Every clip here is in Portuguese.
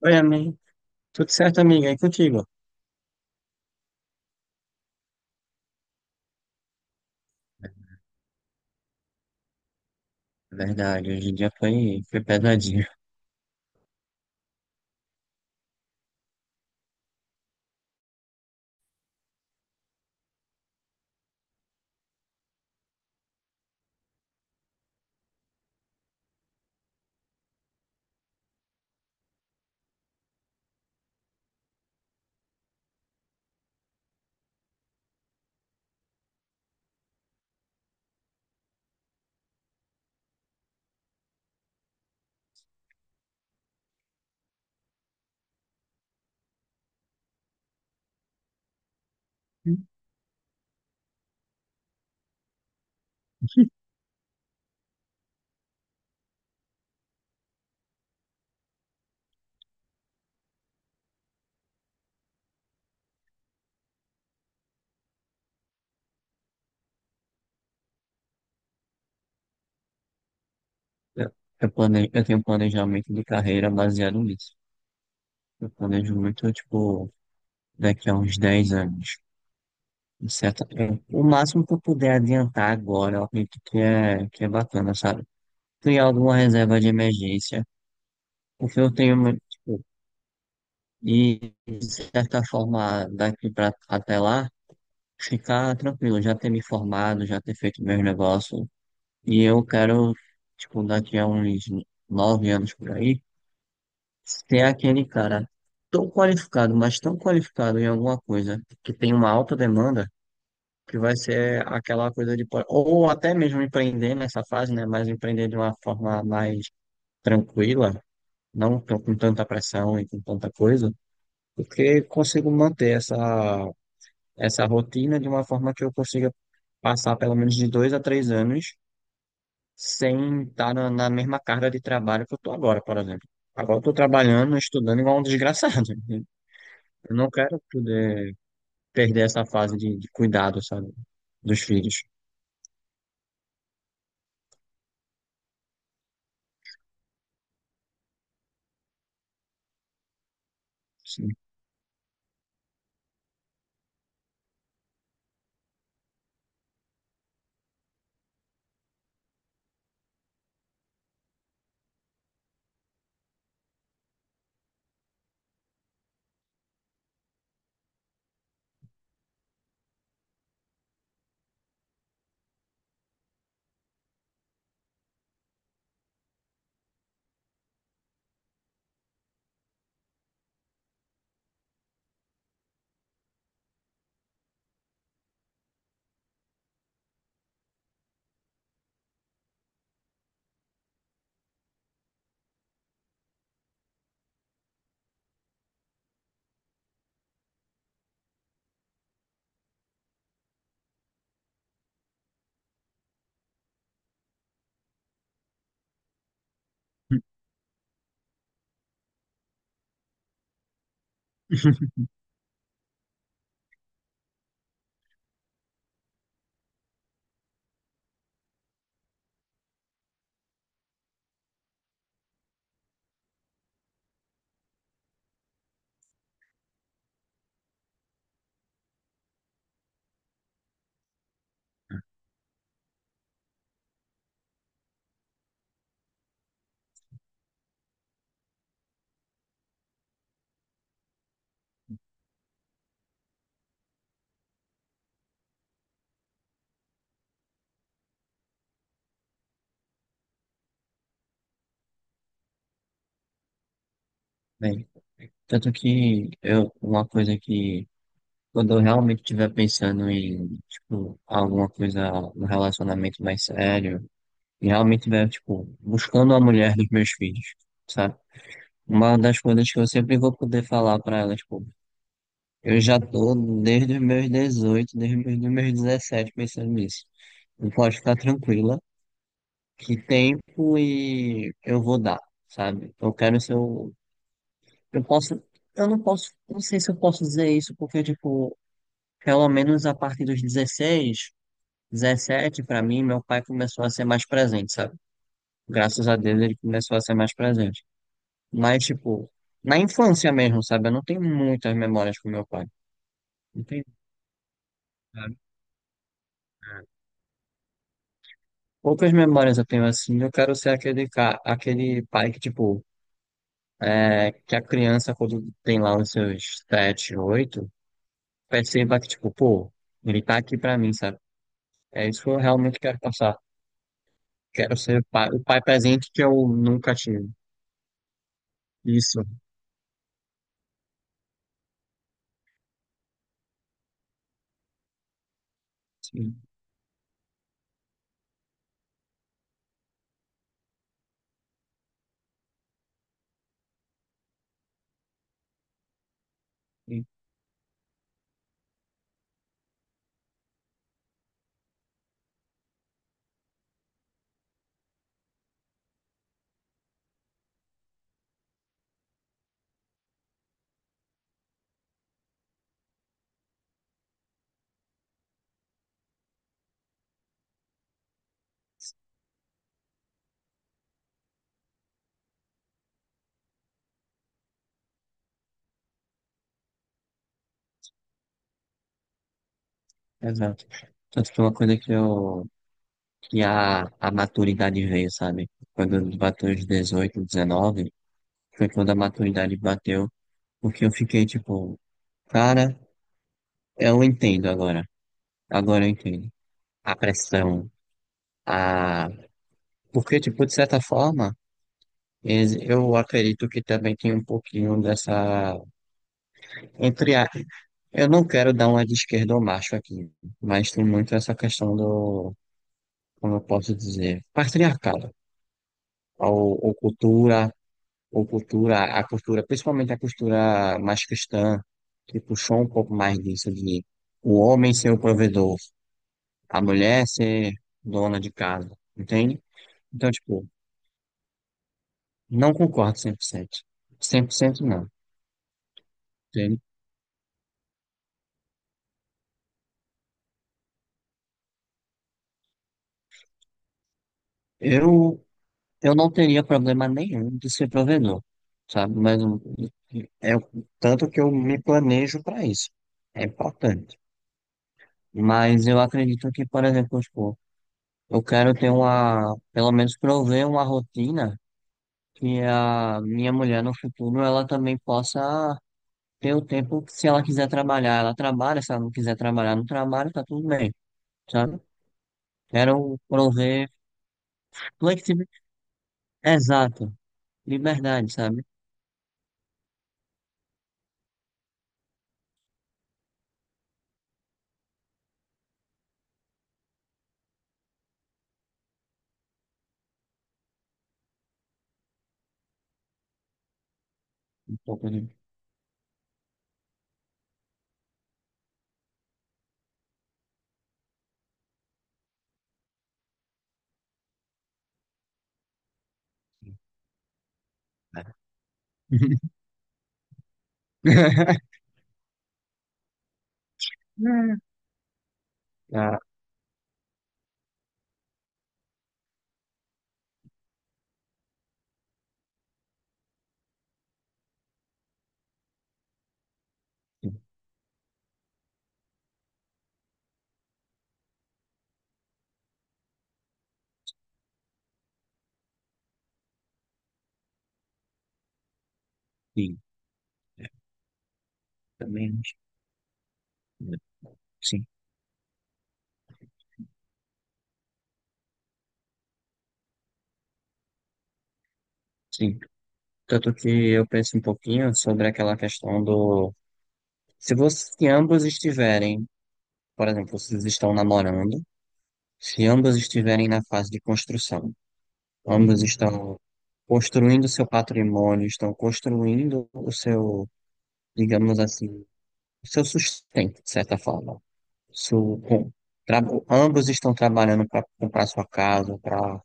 Oi, amigo. Tudo certo, amiga? E contigo? Verdade, hoje em dia foi pesadinho. Eu, eu tenho um planejamento de carreira baseado nisso. Eu planejo muito, tipo, daqui a uns 10 anos. De certo? Eu- o máximo que eu puder adiantar agora, eu acredito que é bacana, sabe? Criar alguma reserva de emergência, porque eu tenho, muito, tipo, e de certa forma, daqui pra, até lá, ficar tranquilo, já ter me formado, já ter feito meus negócios. E eu quero, tipo, daqui a uns 9 anos por aí, ser aquele cara tão qualificado, mas tão qualificado em alguma coisa que tem uma alta demanda, que vai ser aquela coisa. Ou até mesmo empreender nessa fase, né? Mas empreender de uma forma mais tranquila, não tão- com tanta pressão e com tanta coisa, porque consigo manter essa rotina de uma forma que eu consiga passar pelo menos de 2 a 3 anos, sem estar na mesma carga de trabalho que eu estou agora, por exemplo. Agora eu estou trabalhando, estudando igual um desgraçado. Eu não quero poder perder essa fase de cuidado, sabe? Dos filhos. Sim. Bem, tanto que eu, uma coisa que quando eu realmente estiver pensando em, tipo, alguma coisa, um relacionamento mais sério, e realmente estiver, tipo, buscando a mulher dos meus filhos, sabe? Uma das coisas que eu sempre vou poder falar pra ela, tipo, eu já tô desde os meus 18, desde os meus 17 pensando nisso. E pode ficar tranquila, que tempo e eu vou dar, sabe? Eu quero ser o. Eu posso. Eu não posso. Não sei se eu posso dizer isso, porque, tipo, pelo menos a partir dos 16, 17 pra mim, meu pai começou a ser mais presente, sabe? Graças a Deus ele começou a ser mais presente. Mas, tipo, na infância mesmo, sabe? Eu não tenho muitas memórias com meu pai. Entendi, cara. Poucas memórias eu tenho assim. Eu quero ser aquele, aquele pai que, tipo, é, que a criança, quando tem lá os seus sete, oito, perceba que, tipo, pô, ele tá aqui pra mim, sabe? É isso que eu realmente quero passar. Quero ser o pai presente que eu nunca tive. Isso, sim, sim, exato. Tanto que é uma coisa que eu, que a maturidade veio, sabe? Quando eu bateu os 18, 19 foi quando a maturidade bateu, porque eu fiquei, tipo, cara. Eu entendo agora. Agora eu entendo. A pressão. A. Porque, tipo, de certa forma, eu acredito que também tem um pouquinho dessa. Entre a. Eu não quero dar uma de esquerda ou macho aqui, mas tem muito essa questão do. Como eu posso dizer? Patriarcado. Ou cultura, ou cultura, a cultura, principalmente a cultura mais cristã, que puxou um pouco mais disso de o homem ser o provedor, a mulher ser dona de casa, entende? Então, tipo, não concordo cem por cento não. Entende? Eu, eu não teria problema nenhum de ser provedor, sabe? Mas é o tanto que eu me planejo para isso. É importante. Mas eu acredito que, por exemplo, tipo, eu quero ter uma, pelo menos prover uma rotina que a minha mulher no futuro ela também possa ter o tempo que se ela quiser trabalhar, ela trabalha, se ela não quiser trabalhar, não trabalha, tá tudo bem, sabe? Quero prover flexibilidade. Exato. Liberdade, sabe? Um pouco, né? Ah, sim. É, também. Sim, sim. Tanto que eu penso um pouquinho sobre aquela questão do. Se você, se ambos estiverem, por exemplo, vocês estão namorando, se ambos estiverem na fase de construção, ambos estão construindo seu patrimônio, estão construindo o seu, digamos assim, o seu sustento, de certa forma. Su- com- tra- ambos estão trabalhando para comprar sua casa, para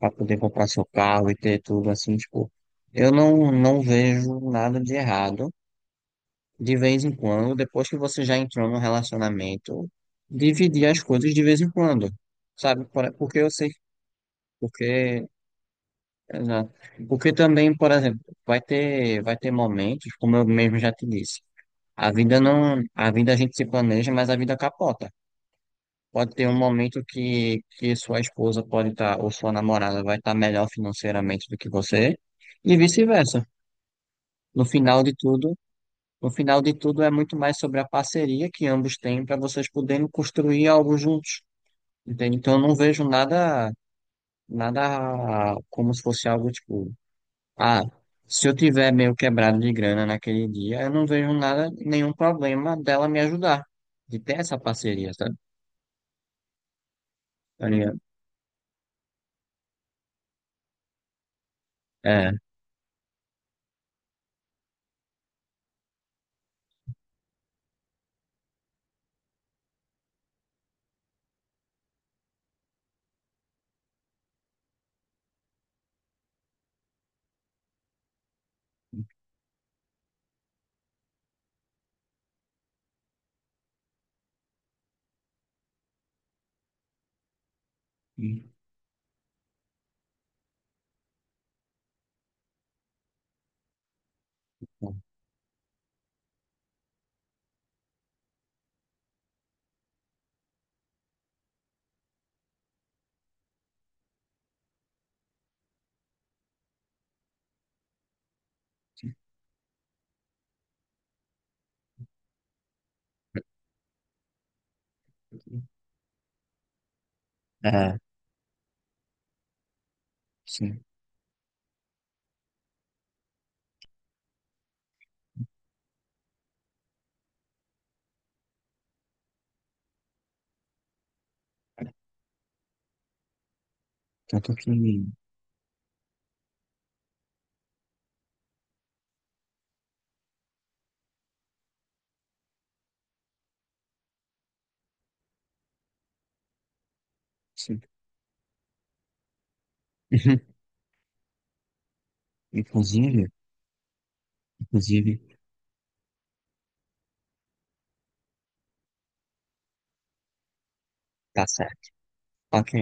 para poder comprar seu carro e ter tudo assim, tipo, eu não vejo nada de errado. De vez em quando, depois que você já entrou no relacionamento, dividir as coisas de vez em quando, sabe? Porque eu sei, porque, exato. Porque também, por exemplo, vai ter momentos, como eu mesmo já te disse, a vida não, a vida a gente se planeja, mas a vida capota. Pode ter um momento que sua esposa pode estar, ou sua namorada vai estar melhor financeiramente do que você, e vice-versa. No final de tudo, no final de tudo é muito mais sobre a parceria que ambos têm para vocês poderem construir algo juntos. Entende? Então eu não vejo nada como se fosse algo tipo, ah, se eu tiver meio quebrado de grana naquele dia, eu não vejo nada, nenhum problema dela me ajudar, de ter essa parceria, sabe? Tá ligado? É. É. Sim, tanto que, sim. Inclusive, inclusive, tá certo. Ok,